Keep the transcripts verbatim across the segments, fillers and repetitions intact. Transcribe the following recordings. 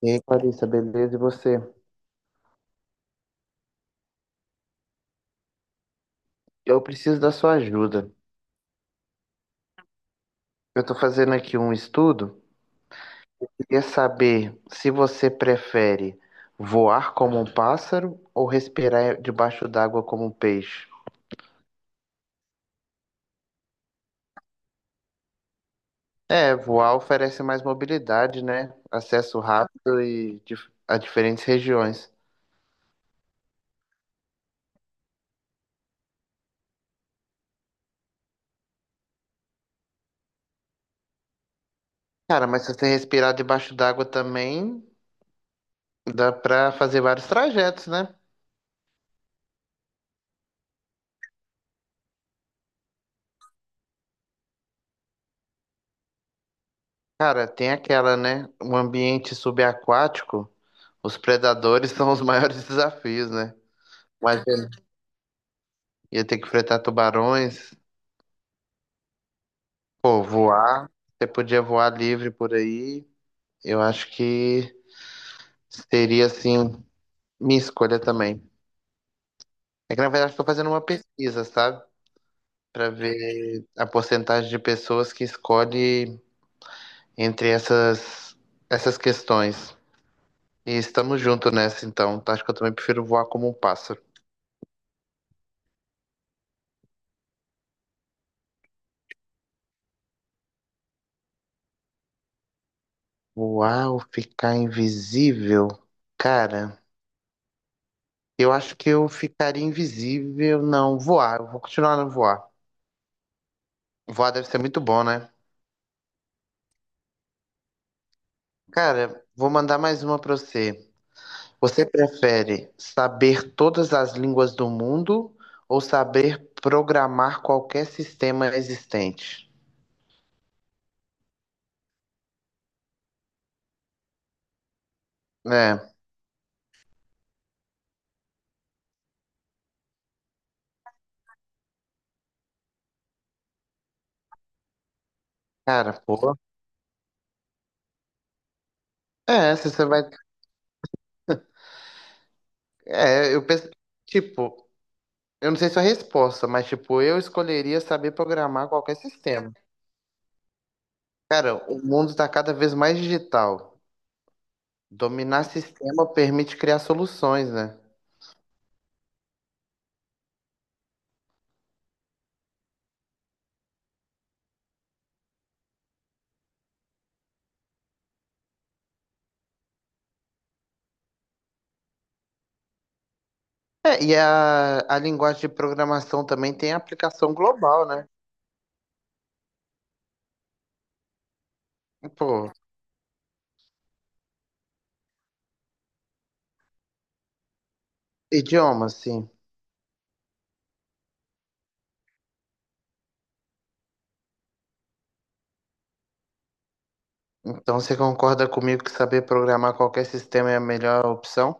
E aí, Clarissa, beleza? E você? Eu preciso da sua ajuda. Eu estou fazendo aqui um estudo. Queria saber se você prefere voar como um pássaro ou respirar debaixo d'água como um peixe. É, voar oferece mais mobilidade, né? Acesso rápido e dif- a diferentes regiões. Cara, mas se você respirar debaixo d'água também, dá pra fazer vários trajetos, né? Cara, tem aquela, né? Um ambiente subaquático. Os predadores são os maiores desafios, né? Mas ele ia ter que enfrentar tubarões, pô, voar. Você podia voar livre por aí. Eu acho que seria, assim, minha escolha também. É que, na verdade, estou fazendo uma pesquisa, sabe? Para ver a porcentagem de pessoas que escolhe entre essas, essas questões. E estamos juntos nessa, então. Tá? Acho que eu também prefiro voar como um pássaro. Voar ou ficar invisível? Cara, eu acho que eu ficaria invisível. Não, voar. Eu vou continuar no voar. Voar deve ser muito bom, né? Cara, vou mandar mais uma pra você. Você prefere saber todas as línguas do mundo ou saber programar qualquer sistema existente? É, cara, pô. É, se você vai. É, eu penso. Tipo, eu não sei sua resposta, mas, tipo, eu escolheria saber programar qualquer sistema. Cara, o mundo tá cada vez mais digital. Dominar sistema permite criar soluções, né? É, e a, a linguagem de programação também tem aplicação global, né? Pô, idioma, sim. Então você concorda comigo que saber programar qualquer sistema é a melhor opção?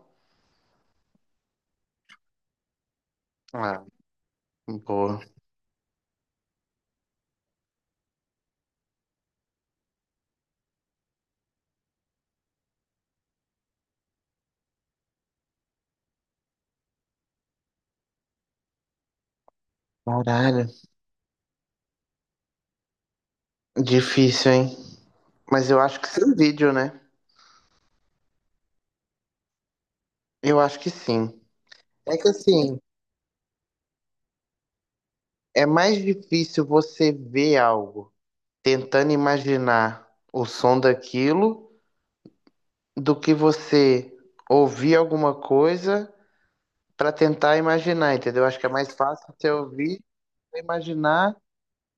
Ah, boa. Caralho. Difícil, hein? Mas eu acho que sem vídeo, né? Eu acho que sim. É que assim, é mais difícil você ver algo tentando imaginar o som daquilo do que você ouvir alguma coisa para tentar imaginar, entendeu? Acho que é mais fácil você ouvir e imaginar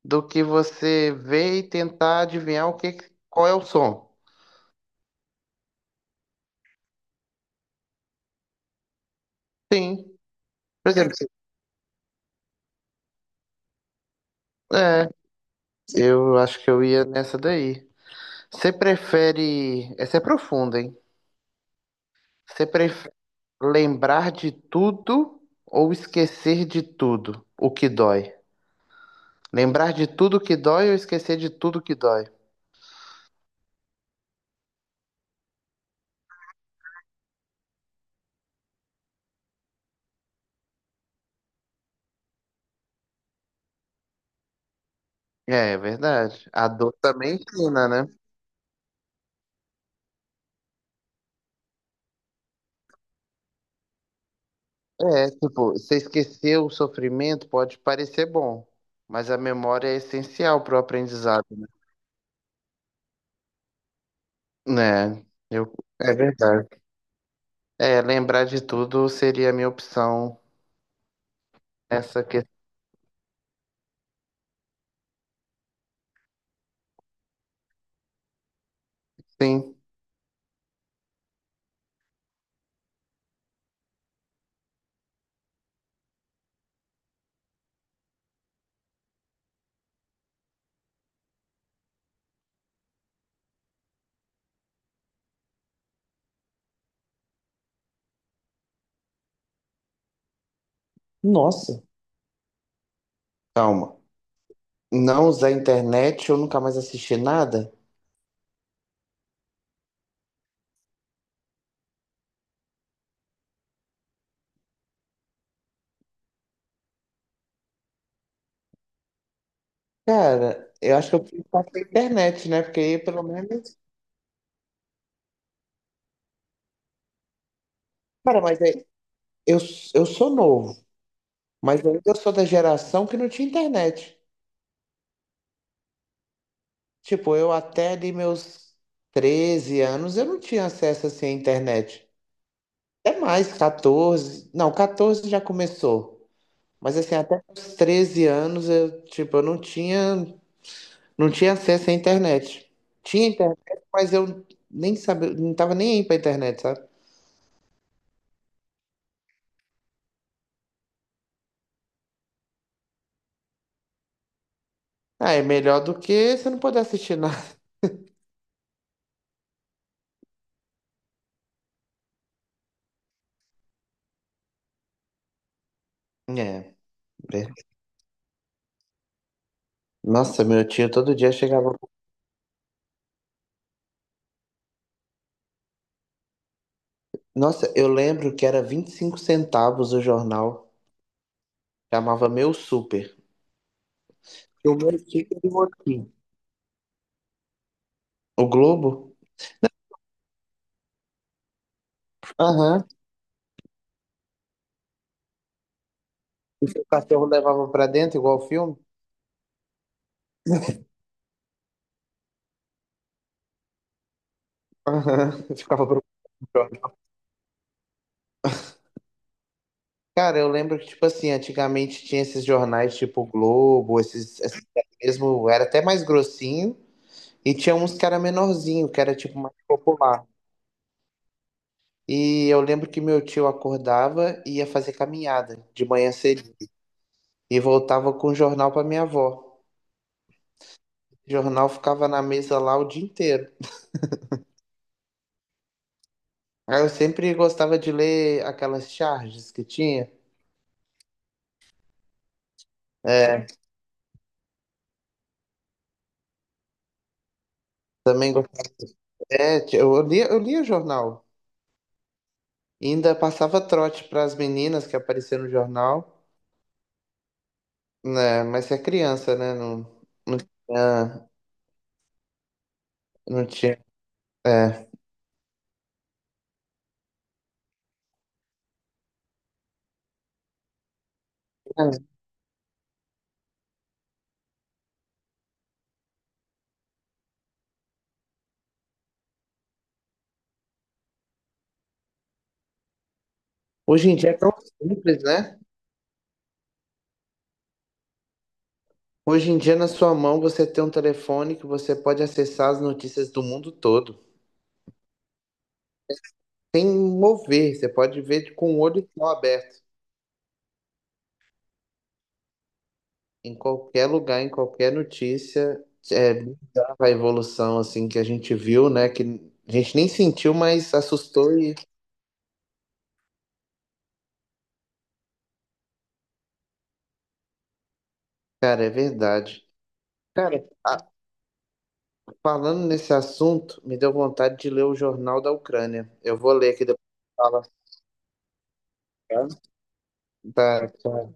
do que você ver e tentar adivinhar o que, qual é o som. Sim. Por exemplo, se- é, eu acho que eu ia nessa daí. Você prefere. Essa é profunda, hein? Você prefere lembrar de tudo ou esquecer de tudo o que dói? Lembrar de tudo que dói ou esquecer de tudo que dói? É, é verdade. A dor também ensina, né? É, tipo, você esquecer o sofrimento pode parecer bom, mas a memória é essencial para o aprendizado, né? É, eu, é verdade. É, lembrar de tudo seria a minha opção nessa questão. Sim. Nossa, calma. Não usar internet, eu nunca mais assisti nada? Cara, eu acho que eu preciso ficar sem internet, né? Porque aí, pelo menos. Cara, mas é, eu, eu sou novo, mas ainda eu sou da geração que não tinha internet. Tipo, eu até ali meus treze anos, eu não tinha acesso assim à internet. Até mais, catorze? Não, catorze já começou. Mas assim, até os treze anos, eu, tipo, eu não tinha, não tinha acesso à internet. Tinha internet, mas eu nem sabia, não tava nem aí pra internet, sabe? Ah, é melhor do que você não poder assistir nada. É, ver- nossa, meu tio todo dia chegava. Nossa, eu lembro que era vinte e cinco centavos o jornal, chamava Meu Super. O meu ticket de motim. O Globo? Aham. E o cachorro levava pra dentro, igual o filme? Aham. Eu ficava procurando. Cara, eu lembro que, tipo assim, antigamente tinha esses jornais tipo Globo, esses, esses mesmo, era até mais grossinho, e tinha uns que era menorzinho, que era tipo mais popular. E eu lembro que meu tio acordava e ia fazer caminhada de manhã cedo. E voltava com o jornal pra minha avó. O jornal ficava na mesa lá o dia inteiro. Ah, eu sempre gostava de ler aquelas charges que tinha. É, também gostava. é, t- eu lia, eu lia jornal. Ainda passava trote para as meninas que apareciam no jornal, né? Mas você é criança, né? Não, não tinha, não tinha. É. Hoje em dia é tão simples, né? Hoje em dia, na sua mão, você tem um telefone que você pode acessar as notícias do mundo todo. Sem mover, você pode ver com o olho só aberto. Em qualquer lugar, em qualquer notícia, é bizarra a evolução assim que a gente viu, né? Que a gente nem sentiu, mas assustou e, cara, é verdade. Cara, a- falando nesse assunto, me deu vontade de ler o Jornal da Ucrânia. Eu vou ler aqui depois. Que Fala, tá? Tá, tchau,